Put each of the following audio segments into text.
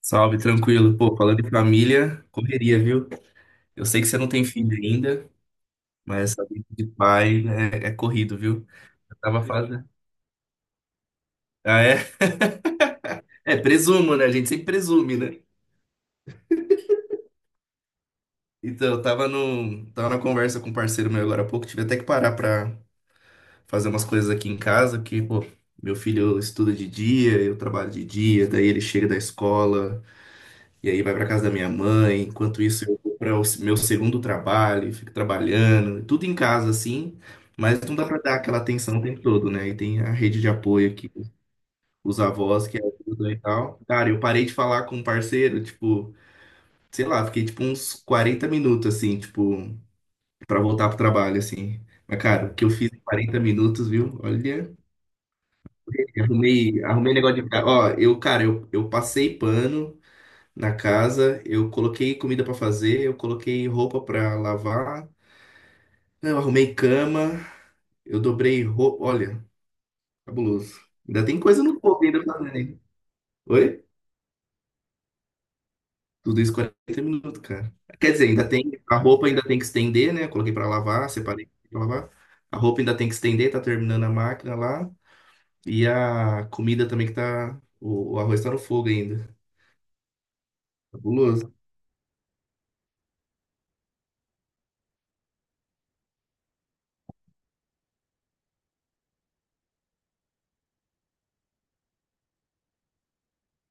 Salve, tranquilo. Pô, falando de família, correria, viu? Eu sei que você não tem filho ainda, mas essa vida de pai é corrido, viu? Eu tava fazendo. Ah, é? É, presumo, né? A gente sempre presume, né? Então, eu tava no, tava na conversa com um parceiro meu agora há pouco, tive até que parar pra fazer umas coisas aqui em casa, que, pô, meu filho estuda de dia, eu trabalho de dia, daí ele chega da escola. E aí vai para casa da minha mãe, enquanto isso eu vou para o meu segundo trabalho, fico trabalhando, tudo em casa assim, mas não dá para dar aquela atenção o tempo todo, né? E tem a rede de apoio aqui, os avós que ajudam e tal. Cara, eu parei de falar com um parceiro, tipo, sei lá, fiquei tipo uns 40 minutos assim, tipo, para voltar pro trabalho assim. Mas, cara, o que eu fiz em 40 minutos, viu? Olha, arrumei negócio de. Ó, eu, cara, eu passei pano, na casa, eu coloquei comida pra fazer, eu coloquei roupa pra lavar, eu arrumei cama, eu dobrei roupa. Olha, cabuloso. Ainda tem coisa no corpo ainda pra fazer, hein? Oi? Tudo isso 40 minutos, cara. Quer dizer, ainda tem. A roupa ainda tem que estender, né? Eu coloquei pra lavar, separei pra lavar. A roupa ainda tem que estender, tá terminando a máquina lá. E a comida também que tá. O arroz tá no fogo ainda. Cabuloso.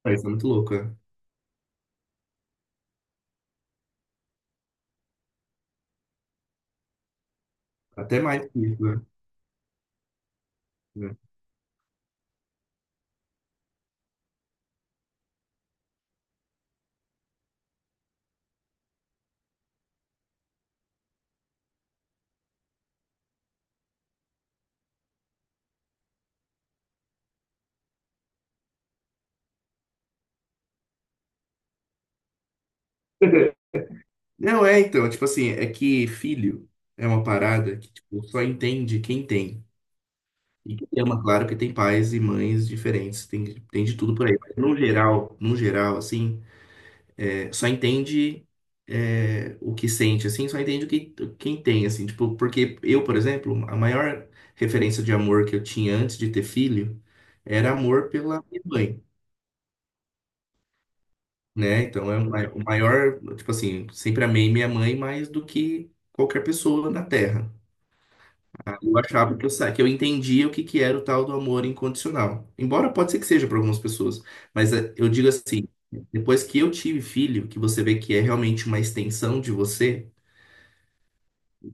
Ah, isso é muito louco, cara. Até mais que isso, né? É. Não, é então, tipo assim, é que filho é uma parada que tipo, só entende quem tem. E quem ama, claro que tem pais e mães diferentes, tem, tem de tudo por aí. Mas no geral, no geral, assim, é, só entende é, o que sente, assim, só entende o que quem tem, assim, tipo, porque eu, por exemplo, a maior referência de amor que eu tinha antes de ter filho era amor pela minha mãe, né? Então é o maior, tipo assim, sempre amei minha mãe mais do que qualquer pessoa na Terra. Eu achava que eu entendia o que, que era o tal do amor incondicional. Embora pode ser que seja para algumas pessoas, mas eu digo assim, depois que eu tive filho, que você vê que é realmente uma extensão de você,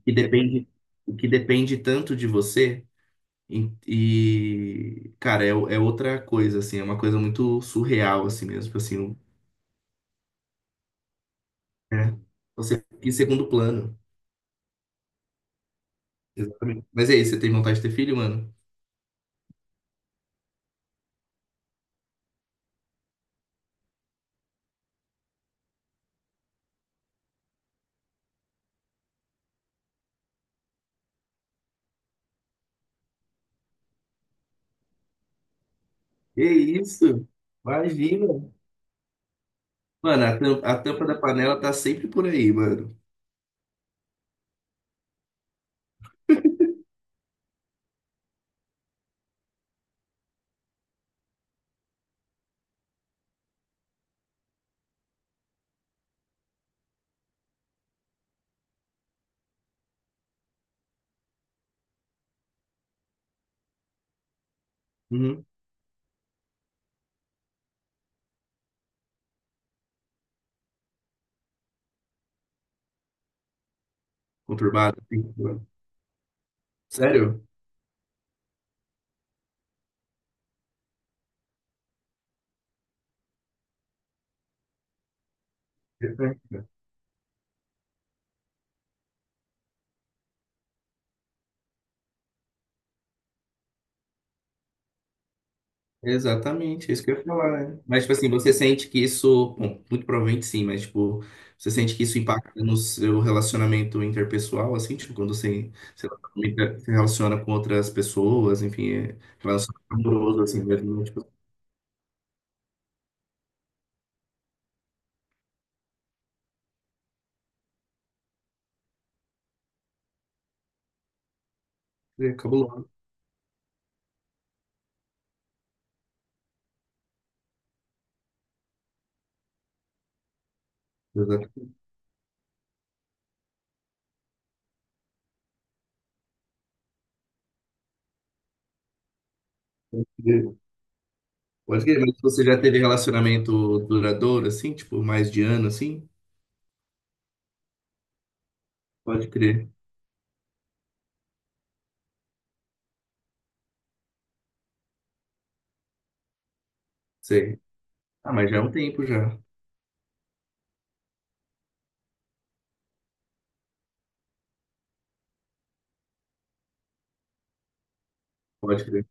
que depende, o que depende tanto de você, e, cara, é outra coisa, assim, é uma coisa muito surreal, assim mesmo, tipo assim, é, você fica em segundo plano. Exatamente. Mas é isso, você tem vontade de ter filho, mano? Que isso? Imagina. Mano, a tampa da panela tá sempre por aí, mano. Uhum. Conturbado, assim, mano. Sério? Perfeito. Exatamente, é isso que eu ia falar, né? Mas, tipo assim, você sente que isso. Bom, muito provavelmente sim, mas, tipo, você sente que isso impacta no seu relacionamento interpessoal, assim, tipo, quando você se relaciona com outras pessoas, enfim, é relacionamento amoroso, assim, mesmo, né? Tipo, é cabuloso. Exatamente. Pode crer, mas você já teve relacionamento duradouro, assim, tipo, mais de ano, assim? Pode crer. Sei. Ah, mas já é um tempo já. Pode crer,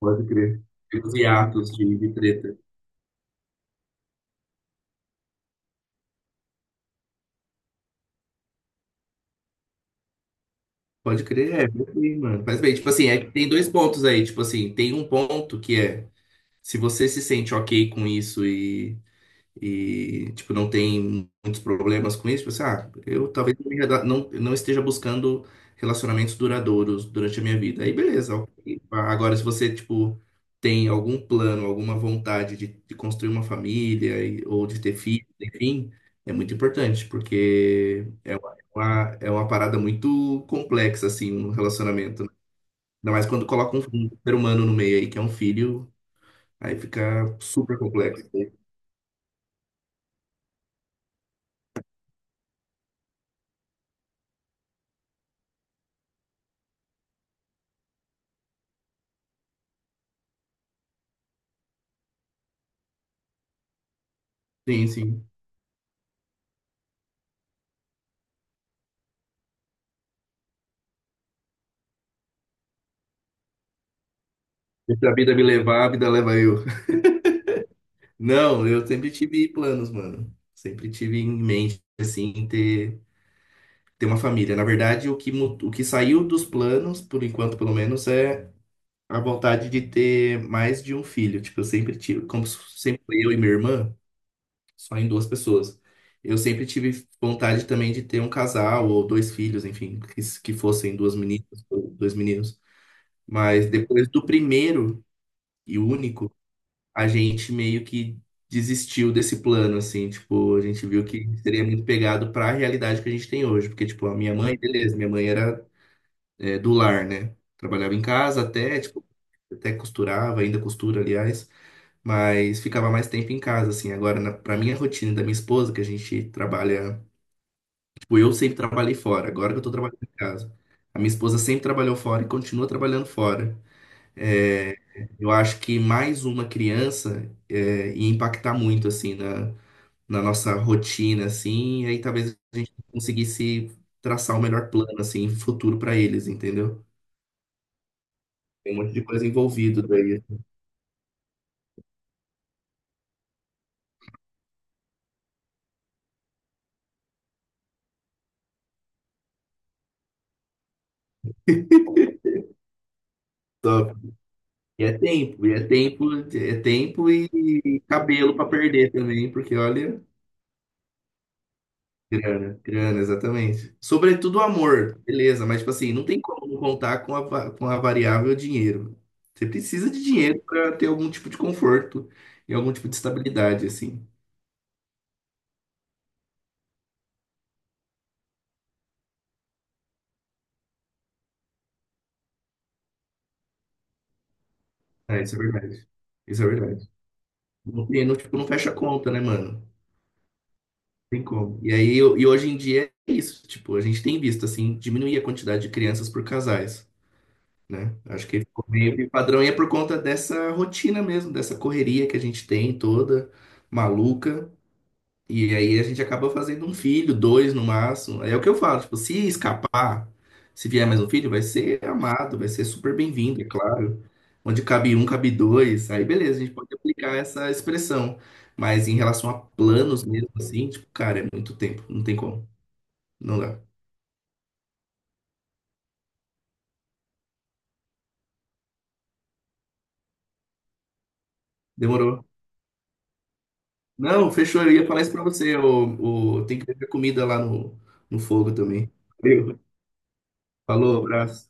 pode crer. Tem os hiatos de treta. Pode crer, é, faz bem, mano. Faz bem. Tipo assim, é que tem dois pontos aí. Tipo assim, tem um ponto que é se você se sente ok com isso e tipo não tem muitos problemas com isso, pensar, ah, eu talvez não, não esteja buscando relacionamentos duradouros durante a minha vida. Aí beleza. Ok. Agora se você tipo tem algum plano, alguma vontade de construir uma família ou de ter filhos, enfim, é muito importante porque é uma parada muito complexa assim um relacionamento, né? Ainda mais quando coloca um ser humano no meio aí que é um filho, aí fica super complexo. Sim, sim. Deixa a vida me levar, a vida leva eu. Não, eu sempre tive planos, mano. Sempre tive em mente, assim, ter uma família. Na verdade, o que, o que saiu dos planos, por enquanto, pelo menos, é a vontade de ter mais de um filho. Tipo, eu sempre tive, como sempre foi eu e minha irmã, só em duas pessoas. Eu sempre tive vontade também de ter um casal ou dois filhos, enfim, que fossem duas meninas ou dois meninos. Mas depois do primeiro e único, a gente meio que desistiu desse plano, assim, tipo, a gente viu que seria muito pegado para a realidade que a gente tem hoje, porque, tipo, a minha mãe, beleza, minha mãe era é, do lar, né? Trabalhava em casa até, tipo, até costurava, ainda costura, aliás, mas ficava mais tempo em casa, assim. Agora, na, pra minha rotina e da minha esposa, que a gente trabalha, tipo, eu sempre trabalhei fora, agora que eu tô trabalhando em casa. A minha esposa sempre trabalhou fora e continua trabalhando fora. Eu acho que mais uma criança é, ia impactar muito, assim, na, nossa rotina, assim, e aí talvez a gente conseguisse traçar o melhor plano, assim, futuro para eles, entendeu? Tem um monte de coisa envolvida daí. Top. E é tempo, e é tempo, é tempo e cabelo para perder também, porque olha, grana, exatamente. Sobretudo o amor, beleza, mas tipo assim, não tem como não contar com a variável dinheiro. Você precisa de dinheiro para ter algum tipo de conforto e algum tipo de estabilidade, assim. É, isso é verdade. Isso é verdade. Não, não, tipo, não fecha a conta, né, mano? Não tem como. E aí, e hoje em dia é isso, tipo, a gente tem visto, assim, diminuir a quantidade de crianças por casais, né? Acho que ficou meio que padrão e é por conta dessa rotina mesmo, dessa correria que a gente tem toda, maluca. E aí a gente acaba fazendo um filho, dois no máximo. É o que eu falo, tipo, se escapar, se vier mais um filho, vai ser amado, vai ser super bem-vindo, é claro. Onde cabe um, cabe dois. Aí beleza, a gente pode aplicar essa expressão. Mas em relação a planos mesmo, assim, tipo, cara, é muito tempo, não tem como, não dá. Demorou. Não, fechou, eu ia falar isso pra você, tem que ter comida lá no fogo também. Valeu, falou, abraço.